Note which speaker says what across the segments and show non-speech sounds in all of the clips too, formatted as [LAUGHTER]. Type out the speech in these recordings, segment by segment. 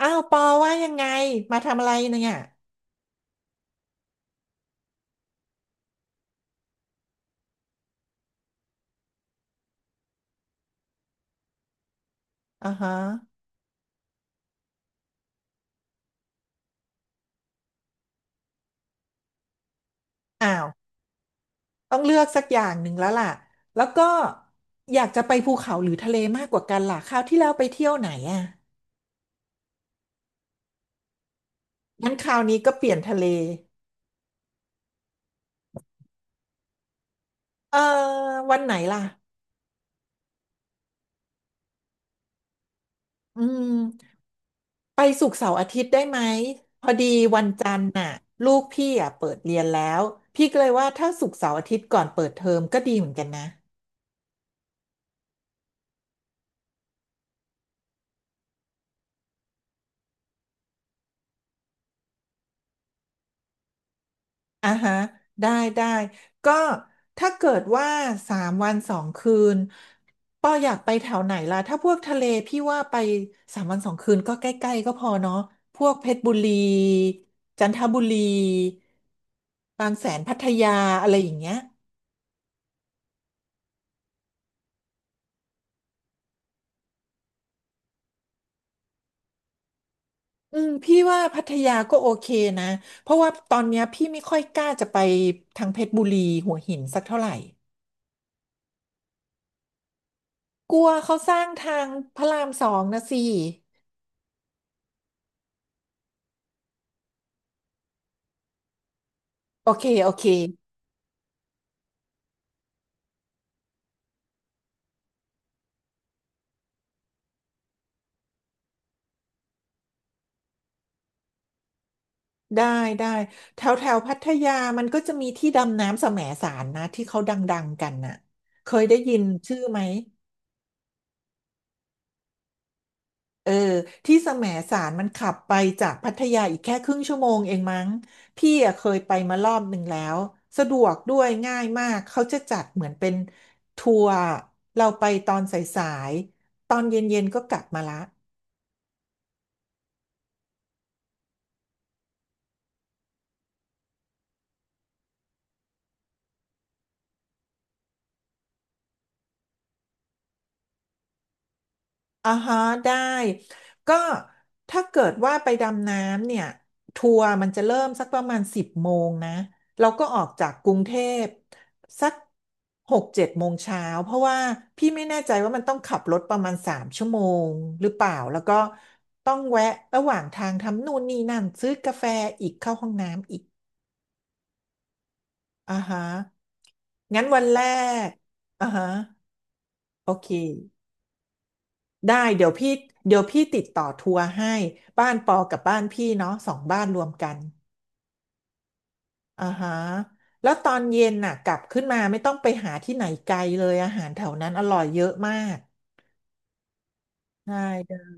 Speaker 1: อ้าวปอว่ายังไงมาทำอะไรเนี่ยอ่าฮะอ้าวต้องเลือกสักอย่างหนึ่งแล้วล่ะแล้วก็อยากจะไปภูเขาหรือทะเลมากกว่ากันล่ะคราวที่แล้วไปเที่ยวไหนอ่ะงั้นคราวนี้ก็เปลี่ยนทะเลเออวันไหนล่ะอืมไปศุกร์เสาร์อาทิตย์ได้ไหมพอดีวันจันทร์น่ะลูกพี่อ่ะเปิดเรียนแล้วพี่ก็เลยว่าถ้าศุกร์เสาร์อาทิตย์ก่อนเปิดเทอมก็ดีเหมือนกันนะ อ่าฮะได้ได้ก็ถ้าเกิดว่าสามวันสองคืนปออยากไปแถวไหนล่ะถ้าพวกทะเลพี่ว่าไปสามวันสองคืนก็ใกล้ๆก็พอเนาะพวกเพชรบุรีจันทบุรีบางแสนพัทยาอะไรอย่างเงี้ยอืมพี่ว่าพัทยาก็โอเคนะเพราะว่าตอนเนี้ยพี่ไม่ค่อยกล้าจะไปทางเพชรบุรีหัวหินสักเท่าไหร่กลัวเขาสร้างทางพระราม 2นะสิโอเคโอเค ได้ได้แถวแถวพัทยามันก็จะมีที่ดำน้ำแสมสารนะที่เขาดังๆกันน่ะเคยได้ยินชื่อไหมเออที่แสมสารมันขับไปจากพัทยาอีกแค่ครึ่ง ชม.เองมั้งพี่อะเคยไปมารอบหนึ่งแล้วสะดวกด้วยง่ายมากเขาจะจัดเหมือนเป็นทัวร์เราไปตอนสายๆตอนเย็นๆก็กลับมาละ อ่าฮะได้ก็ถ้าเกิดว่าไปดำน้ำเนี่ยทัวร์มันจะเริ่มสักประมาณ10 โมงนะเราก็ออกจากกรุงเทพสัก6-7 โมงเช้าเพราะว่าพี่ไม่แน่ใจว่ามันต้องขับรถประมาณ3 ชั่วโมงหรือเปล่าแล้วก็ต้องแวะระหว่างทางทำนู่นนี่นั่นซื้อกาแฟอีกเข้าห้องน้ำอีกอ่าฮะงั้นวันแรกอ่าฮะโอเค ได้เดี๋ยวพี่ติดต่อทัวร์ให้บ้านปอกับบ้านพี่เนาะสองบ้านรวมกันอ่าฮะแล้วตอนเย็นน่ะกลับขึ้นมาไม่ต้องไปหาที่ไหนไกลเลยอาหารแถวนั้นอร่อยเยอะมากได้ได้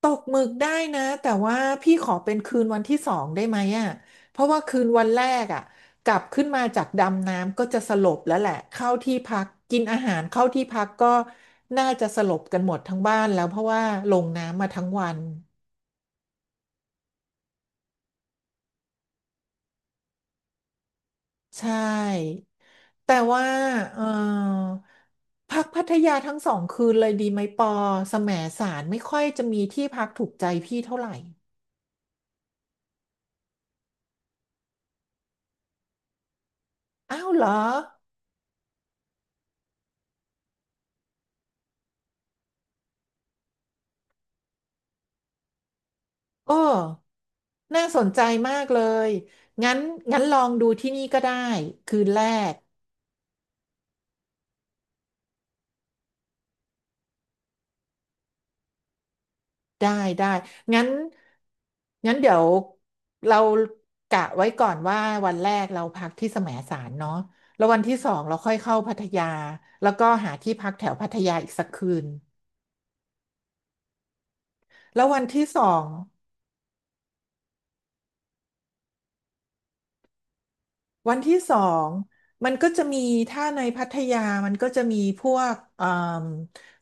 Speaker 1: ตกหมึกได้นะแต่ว่าพี่ขอเป็นคืนวันที่ 2ได้ไหมอ่ะเพราะว่าคืนวันแรกอ่ะกลับขึ้นมาจากดำน้ำก็จะสลบแล้วแหละเข้าที่พักกินอาหารเข้าที่พักก็น่าจะสลบกันหมดทั้งบ้านแล้วเพราะว่าลงน้ำมาทั้งวัน ใช่แต่ว่าเออพักพัทยาทั้งสองคืนเลยดีไหมปอแสมสารไม่ค่อยจะมีที่พักถูกใจพี่เท่าไหร่อ้าวเหรอโอ้น่าสนใจมากเลยงั้นลองดูที่นี่ก็ได้คืนแรก ได้ได้งั้นเดี๋ยวเรากะไว้ก่อนว่าวันแรกเราพักที่แสมสารเนาะแล้ววันที่สองเราค่อยเข้าพัทยาแล้วก็หาที่พักแถวพัทยาอีกสักคืนแล้ววันที่สองวันที่สองมันก็จะมีถ้าในพัทยามันก็จะมีพวกเอ่ม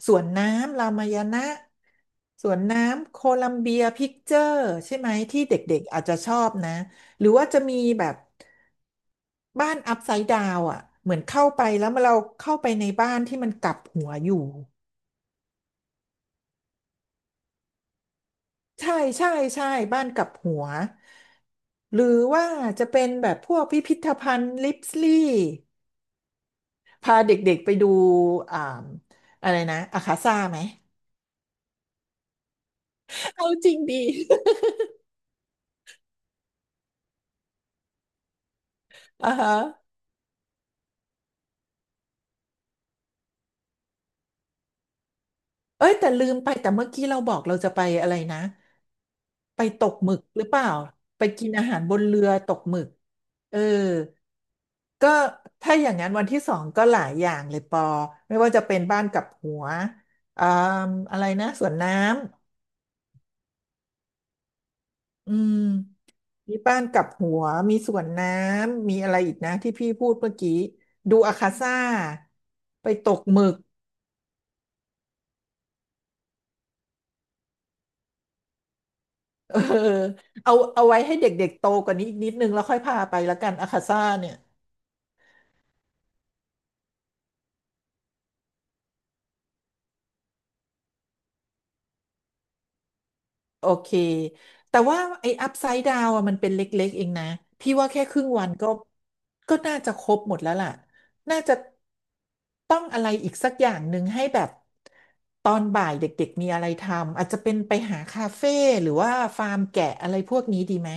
Speaker 1: สวนน้ำรามายณะสวนน้ำโคลัมเบียพิกเจอร์ใช่ไหมที่เด็กๆอาจจะชอบนะหรือว่าจะมีแบบ บ้านอัพไซด์ดาวอ่ะเหมือนเข้าไปแล้วเราเข้าไปในบ้านที่มันกลับหัวอยู่ใช่ใช่ใช่บ้านกลับหัวหรือว่าจะเป็นแบบพวกพิพิธภัณฑ์ลิปสลีย์พาเด็กๆไปดูอ่าอะไรนะอาคาซ่าไหม [LAUGHS] เอาจริงดี [LAUGHS] อ่าฮะเอ้ยแต่ลืมไปแต่เมื่อกี้เราบอกเราจะไปอะไรนะ ไปตกหมึกหรือเปล่าไปกินอาหารบนเรือตกหมึกเออก็ถ้าอย่างนั้นวันที่สองก็หลายอย่างเลยปอไม่ว่าจะเป็นบ้านกับหัวอ่าอะไรนะสวนน้ำอืมมีบ้านกับหัวมีสวนน้ำมีอะไรอีกนะที่พี่พูดเมื่อกี้ดูอาคาซ่าไปตกหมึกเออเอาไว้ให้เด็กๆโตกว่านี้อีกนิดนึงแล้วค่อยพาไปละกันอาคาซ่าเนี่ย โอเค แต่ว่าไอ้อัพไซด์ดาวอะมันเป็นเล็กๆเองนะ พี่ว่าแค่ครึ่งวันก็ก็น่าจะครบหมดแล้วล่ะน่าจะต้องอะไรอีกสักอย่างหนึ่งให้แบบตอนบ่ายเด็กๆมีอะไรทำ อาจจะเป็นไปหาคาเฟ่หรือว่าฟาร์มแกะอะไรพวกนี้ดีไหม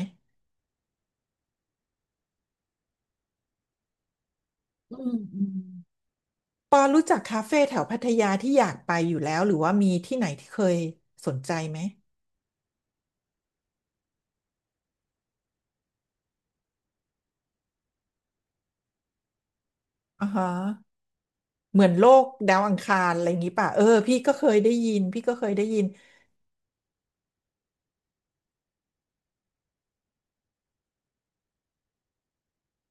Speaker 1: อืมอืมปอรู้จักคาเฟ่แถวพัทยาที่อยากไปอยู่แล้วหรือว่ามีที่ไหนที่เคยสนใจไหมอ่าฮะเหมือนโลกดาวอังคารอะไรอย่างนี้ป่ะเออพี่ก็เคยได้ยินพี่ก็เคยได้ยิน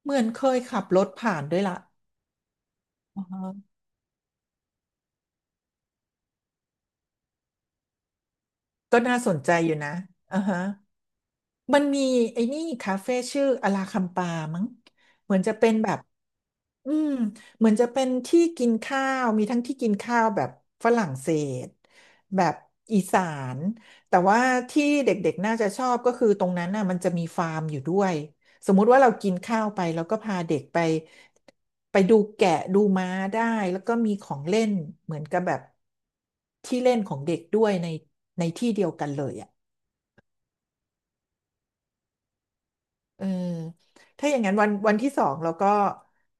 Speaker 1: เหมือนเคยขับรถผ่านด้วยล่ะอ่าฮะก็น่าสนใจอยู่นะอ่าฮะมันมีไอ้นี่คาเฟ่ชื่ออลาคัมปามั้งเหมือนจะเป็นแบบ อืมเหมือนจะเป็นที่กินข้าวมีทั้งที่กินข้าวแบบฝรั่งเศสแบบอีสานแต่ว่าที่เด็กๆน่าจะชอบก็คือตรงนั้นน่ะมันจะมีฟาร์มอยู่ด้วยสมมุติว่าเรากินข้าวไปแล้วก็พาเด็กไปดูแกะดูม้าได้แล้วก็มีของเล่นเหมือนกับแบบที่เล่นของเด็กด้วยในที่เดียวกันเลยอ่ะ เออถ้าอย่างนั้นวันที่สองเราก็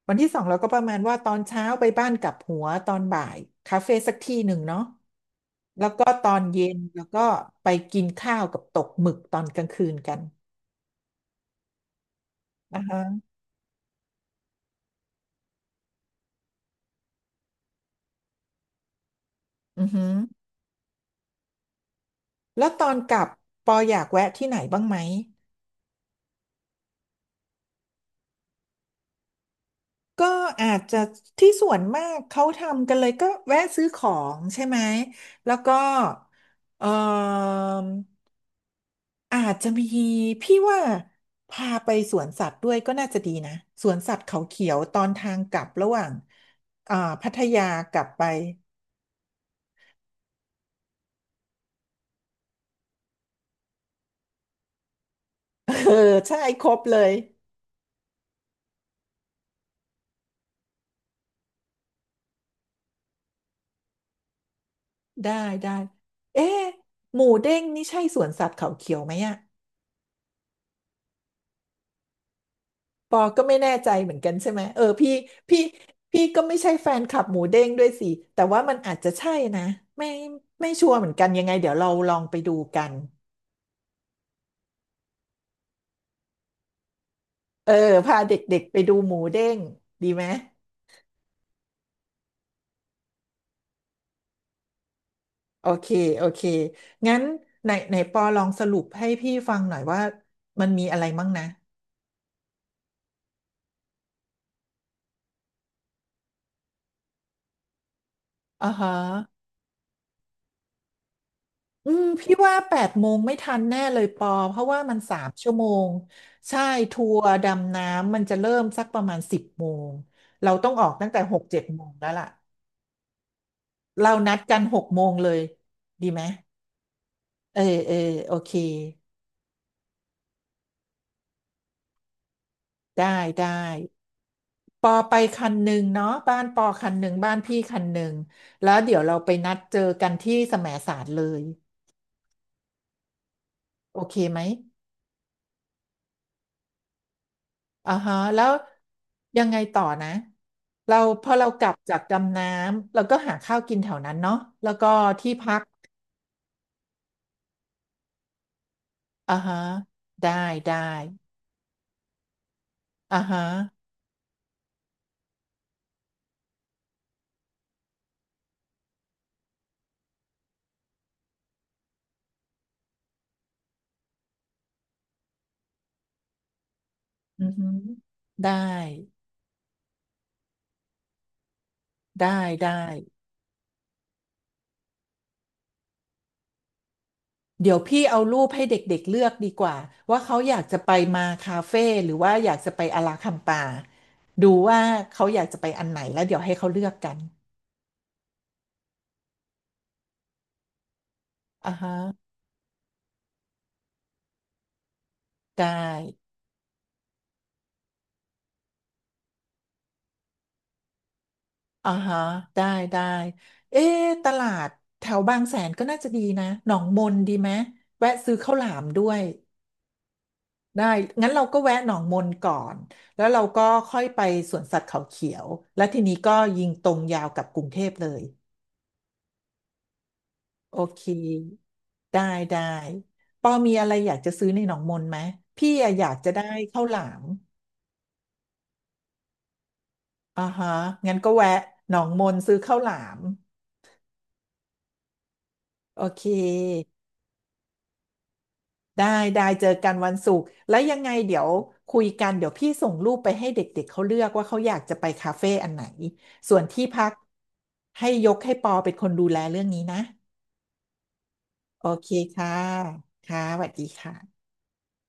Speaker 1: วันที่สองเราก็ประมาณว่าตอนเช้าไปบ้านกลับหัวตอนบ่ายคาเฟ่สักที่หนึ่งเนาะแล้วก็ตอนเย็นแล้วก็ไปกินข้าวกับตกหมึกตอนกลางคืนกันอ่าฮะอือฮึแล้วตอนกลับปออยากแวะที่ไหนบ้างไหมก็อาจจะที่ส่วนมากเขาทำกันเลยก็แวะซื้อของใช่ไหมแล้วก็เอ่อ อาจจะมีพี่ว่าพาไปสวนสัตว์ด้วยก็น่าจะดีนะสวนสัตว์เขาเขียวตอนทางกลับระหว่างอ่าพัทยากลับไป [LAUGHS] เออใช่ครบเลยได้ได้เอ๊ะหมูเด้งนี่ใช่สวนสัตว์เขาเขียวไหมอะปอก็ไม่แน่ใจเหมือนกันใช่ไหมเออพี่พี่พี่ก็ไม่ใช่แฟนคลับหมูเด้งด้วยสิแต่ว่ามันอาจจะใช่นะไม่ไม่ชัวร์เหมือนกันยังไงเดี๋ยวเราลองไปดูกันเออพาเด็กๆไปดูหมูเด้งดีไหม โอเคโอเค งั้นไหนไหนปอลองสรุปให้พี่ฟังหน่อยว่ามันมีอะไรมั่งนะอ่าฮะอืมพี่ว่าแปดโมงไม่ทันแน่เลยปอ เพราะว่ามันสามชั่วโมง ใช่ ทัวร์ดำน้ำมันจะเริ่มสักประมาณสิบโมง เราต้องออกตั้งแต่หกเจ็ดโมงแล้วล่ะเรานัดกันหกโมงเลย ดีไหมเออเออโอเคได้ได้ ปอไปคันหนึ่งเนาะบ้านปอคันหนึ่งบ้านพี่คันหนึ่งแล้วเดี๋ยวเราไปนัดเจอกันที่แสมสารเลยโอเคไหมอ่าฮะแล้วยังไงต่อนะเราพอเรากลับจากดำน้ำเราก็หาข้าวกินแถวนั้นเนาะแล้วก็ที่พักอ่าฮะได้ได้อ่าฮะอือฮึได้ได้ได้ เดี๋ยวพี่เอารูปให้เด็กๆเลือกดีกว่าว่าเขาอยากจะไปมาคาเฟ่หรือว่าอยากจะไปอาราคัมปาดูว่าเขาอยากจะไปอันไหนแล้วเดี๋ยวให้เขาเลือกกันอ่าฮะได้อ่าฮะได้ได้เอ๊ะตลาดแถวบางแสนก็น่าจะดีนะหนองมนดีไหมแวะซื้อข้าวหลามด้วยได้งั้นเราก็แวะหนองมนก่อนแล้วเราก็ค่อยไปสวนสัตว์เขาเขียวและทีนี้ก็ยิงตรงยาวกับกรุงเทพเลย โอเคได้ได้ปอมีอะไรอยากจะซื้อในหนองมนไหมพี่อะอยากจะได้ข้าวหลามอ่าฮะงั้นก็แวะหนองมนซื้อข้าวหลามโอเคได้ได้เจอกันวันศุกร์แล้วยังไงเดี๋ยวคุยกันเดี๋ยวพี่ส่งรูปไปให้เด็กๆเขาเลือกว่าเขาอยากจะไปคาเฟ่อันไหนส่วนที่พักให้ยกให้ปอเป็นคนดูแลเรื่องนี้นะโอเคค่ะค่ะสวัสดีค่ะ